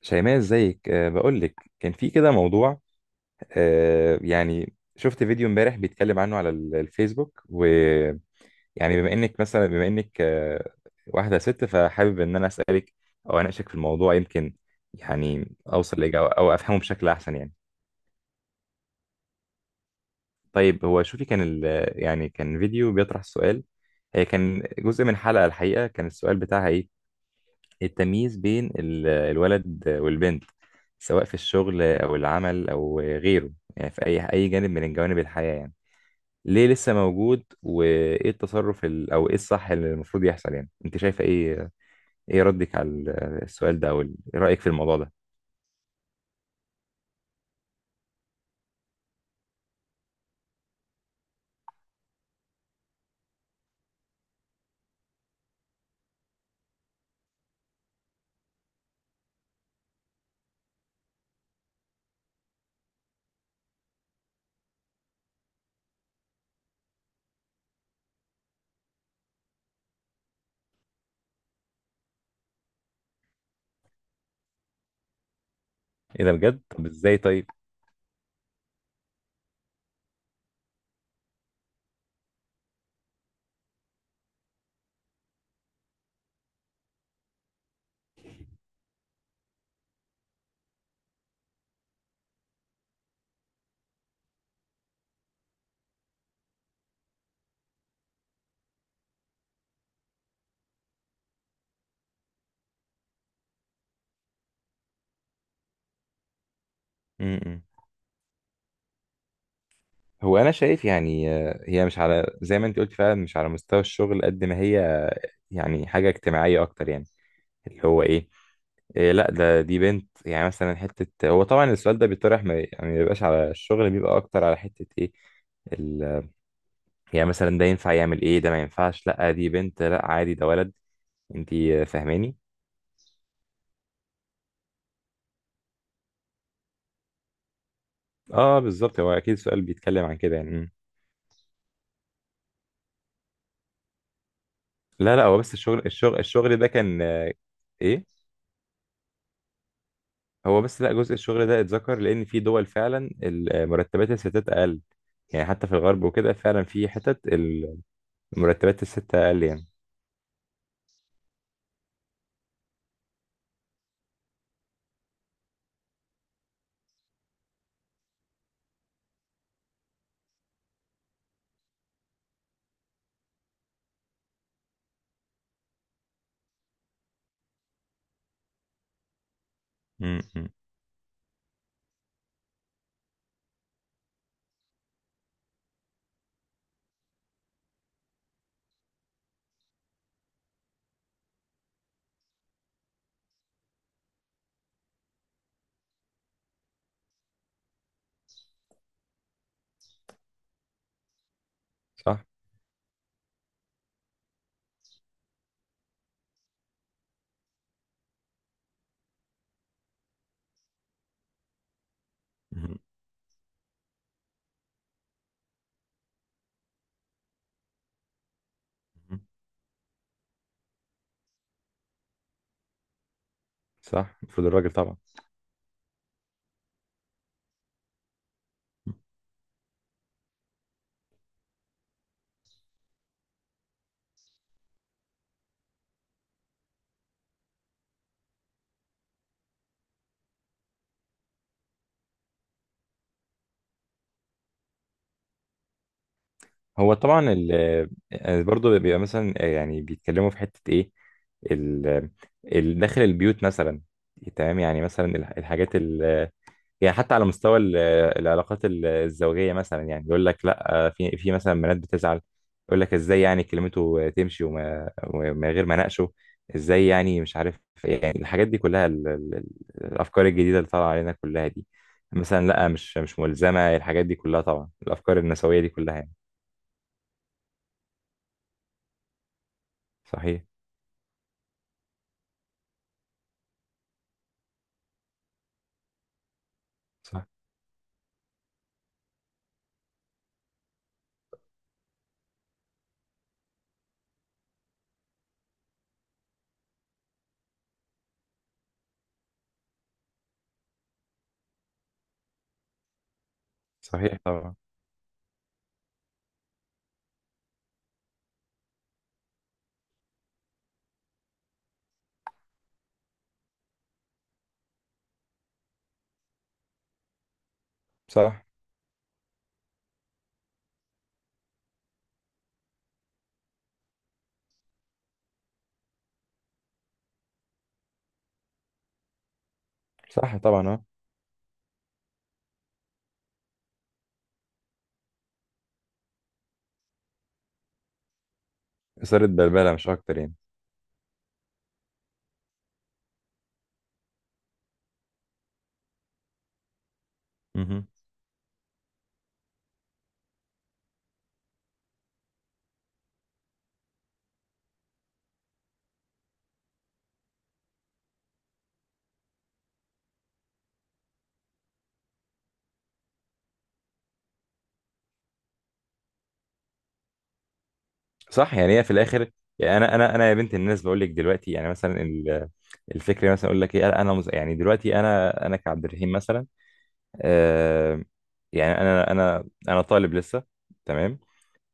شيماء، ازيك؟ بقول لك كان في كده موضوع. يعني شفت فيديو امبارح بيتكلم عنه على الفيسبوك، ويعني بما انك واحدة ست، فحابب ان انا اسالك او اناقشك في الموضوع، يمكن يعني اوصل لاجابة او افهمه بشكل احسن يعني. طيب، هو شوفي، كان ال يعني كان فيديو بيطرح السؤال. هي كان جزء من حلقة الحقيقة، كان السؤال بتاعها ايه؟ التمييز بين الولد والبنت، سواء في الشغل او العمل او غيره، يعني في اي جانب من جوانب الحياة يعني. ليه لسه موجود؟ وايه التصرف او ايه الصح اللي المفروض يحصل؟ يعني انت شايفه ايه ردك على السؤال ده، او رايك في الموضوع ده؟ ايه ده؟ بجد؟ طب ازاي؟ طيب. م-م. هو انا شايف يعني هي مش على زي ما انت قلت، فعلا مش على مستوى الشغل، قد ما هي يعني حاجة اجتماعية اكتر يعني. اللي هو ايه، إيه لا دي بنت. يعني مثلا حتة، هو طبعا السؤال ده بيطرح ما بيبقاش على الشغل، بيبقى أكتر على حتة إيه، ال... يعني مثلا ده ينفع يعمل إيه، ده ما ينفعش لا دي بنت، لا عادي ده ولد. أنتي فاهماني؟ أه، بالظبط، هو أكيد السؤال بيتكلم عن كده يعني. مم. لا، لا، هو بس الشغل ده كان إيه. هو بس لا، جزء الشغل ده اتذكر، لأن في دول فعلا مرتبات الستات أقل. يعني حتى في الغرب وكده، فعلا في حتت مرتبات الست أقل يعني. مم، مم. صح؟ مم. صح، المفروض الراجل طبعا. هو طبعا ال آه، برضه بيبقى مثلا يعني بيتكلموا في حتة ايه ال داخل البيوت مثلا. تمام، يعني مثلا الحاجات يعني حتى على مستوى العلاقات الزوجية مثلا، يعني يقول لك لا، في مثلا بنات بتزعل. يقول لك ازاي، يعني كلمته تمشي ومن غير ما اناقشه. ازاي يعني؟ مش عارف. إيه. يعني الحاجات دي كلها، الافكار الجديدة اللي طالعة علينا كلها دي. مثلا لا، مش ملزمة الحاجات دي كلها، طبعا الافكار النسوية دي كلها يعني. صحيح. صح. صحيح طبعا. صح. صح طبعا، اه. إثارة بلبلة مش اكتر يعني. صح، يعني هي في الاخر. يعني انا يا بنت الناس بقول لك دلوقتي، يعني مثلا الفكره مثلا اقول لك ايه، يعني دلوقتي انا كعبد الرحيم مثلا. آه. يعني انا طالب لسه. تمام.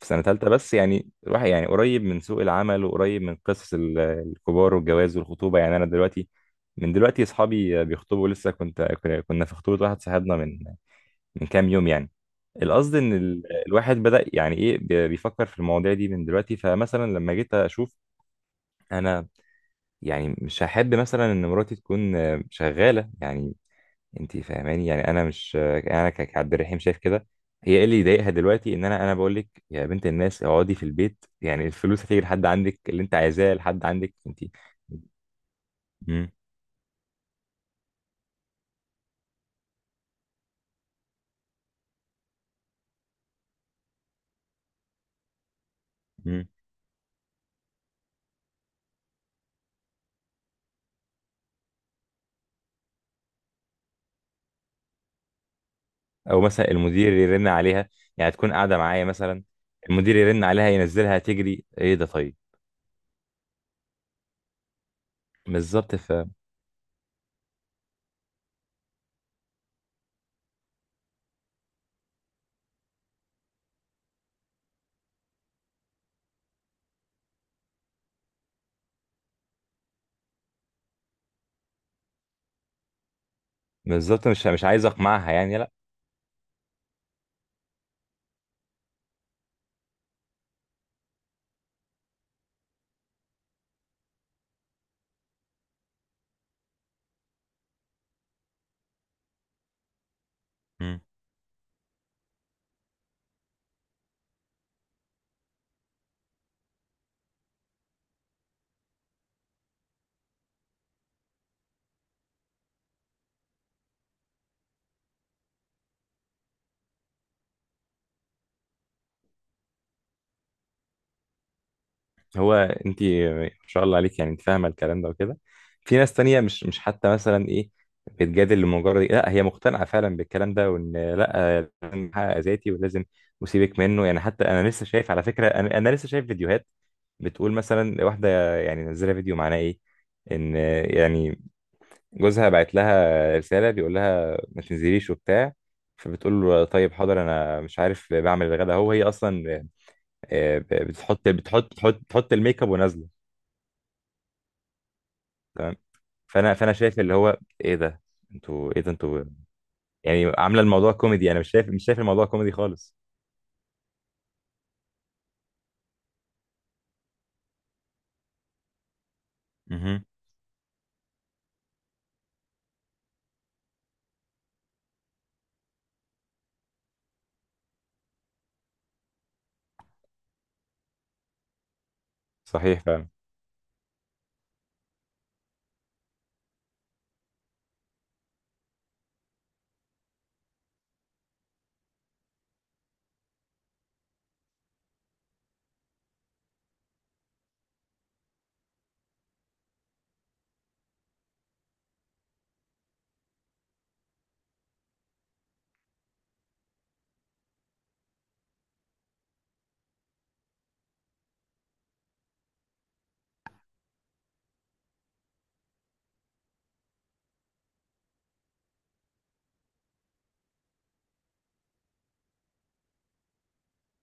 في سنه ثالثه، بس يعني راح، يعني قريب من سوق العمل، وقريب من قصص الكبار والجواز والخطوبه، يعني انا دلوقتي. من دلوقتي اصحابي بيخطبوا، لسه كنا في خطوبه واحد صاحبنا من كام يوم يعني. القصد ان الواحد بدأ يعني ايه، بيفكر في المواضيع دي من دلوقتي، فمثلا لما جيت اشوف. انا. يعني مش هحب مثلا ان مراتي تكون شغالة يعني. انت فاهماني، يعني انا مش آه، انا ك- كعبد الرحيم شايف كده. هي ايه اللي يضايقها دلوقتي؟ ان انا بقول لك يا بنت الناس اقعدي في البيت، يعني الفلوس هتيجي لحد عندك، اللي انت عايزاه لحد عندك انت. مم. مم. او مثلا المدير يرن عليها، يعني تكون قاعدة معايا مثلا، المدير يرن عليها ينزلها تجري. ايه ده؟ طيب. بالظبط. بالظبط، مش عايز اقمعها يعني، لا. مم. هو انت ما شاء الله عليك، يعني انت فاهمه الكلام ده وكده. في ناس تانية مش حتى مثلا ايه، بتجادل لمجرد إيه، لا هي مقتنعه فعلا بالكلام ده، وان لا لازم احقق ذاتي ولازم اسيبك منه يعني. حتى انا لسه شايف على فكره، أنا لسه شايف فيديوهات بتقول مثلا، واحده يعني نزلها فيديو، معناه ايه؟ ان يعني جوزها بعت لها رسالة بيقول لها ما تنزليش وبتاع. فبتقول له طيب حاضر، انا مش عارف، بعمل الغدا هو هي اصلا بتحط الميك اب ونازله. تمام. فانا شايف اللي هو، ايه ده انتوا ايه ده انتوا؟ يعني عامله الموضوع كوميدي، انا مش شايف الموضوع كوميدي خالص. مهم. صحيح فعلا.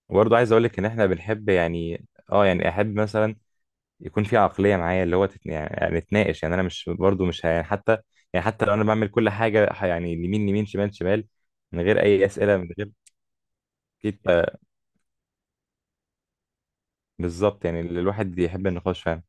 وبرضه عايز اقول لك ان احنا بنحب يعني، اه يعني احب مثلا يكون في عقلية معايا اللي هو يعني نتناقش، يعني انا مش برضو مش ه... يعني حتى، يعني حتى لو انا بعمل كل حاجة يعني يمين يمين شمال شمال، من غير اي أسئلة. من غير أكيد. بالظبط، يعني اللي الواحد يحب النقاش فاهم.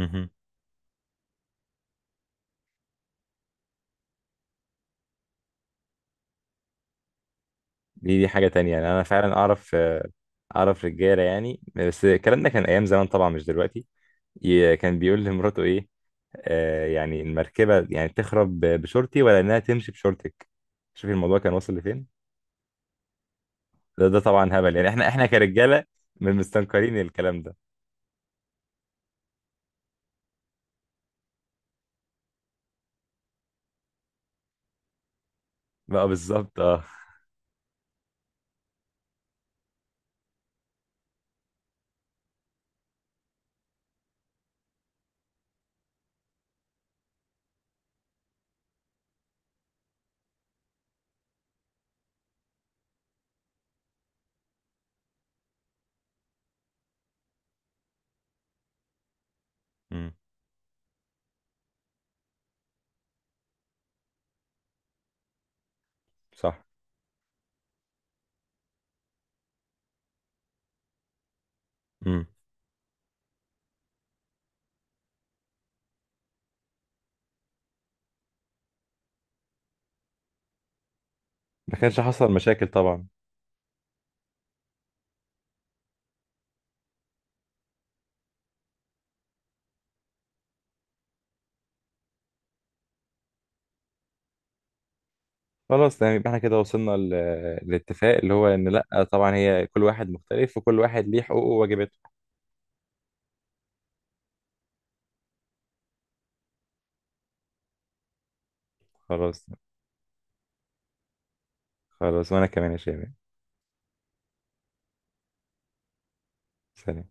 مهم. دي حاجة تانية، يعني أنا فعلا أعرف أعرف رجالة يعني، بس الكلام ده كان أيام زمان طبعا، مش دلوقتي. كان بيقول لمراته إيه؟ يعني المركبة يعني تخرب بشورتي، ولا إنها تمشي بشورتك. شوفي الموضوع كان واصل لفين. ده طبعا هبل، يعني احنا كرجاله من مستنكرين الكلام ده. بقى بالظبط، اه. امم. صح. امم. ما كانش حصل مشاكل طبعا. خلاص تمام، يبقى احنا كده وصلنا للاتفاق اللي هو ان لا طبعا، هي كل واحد مختلف، وكل واحد ليه حقوقه وواجباته. خلاص. خلاص، وانا كمان يا شباب. سلام.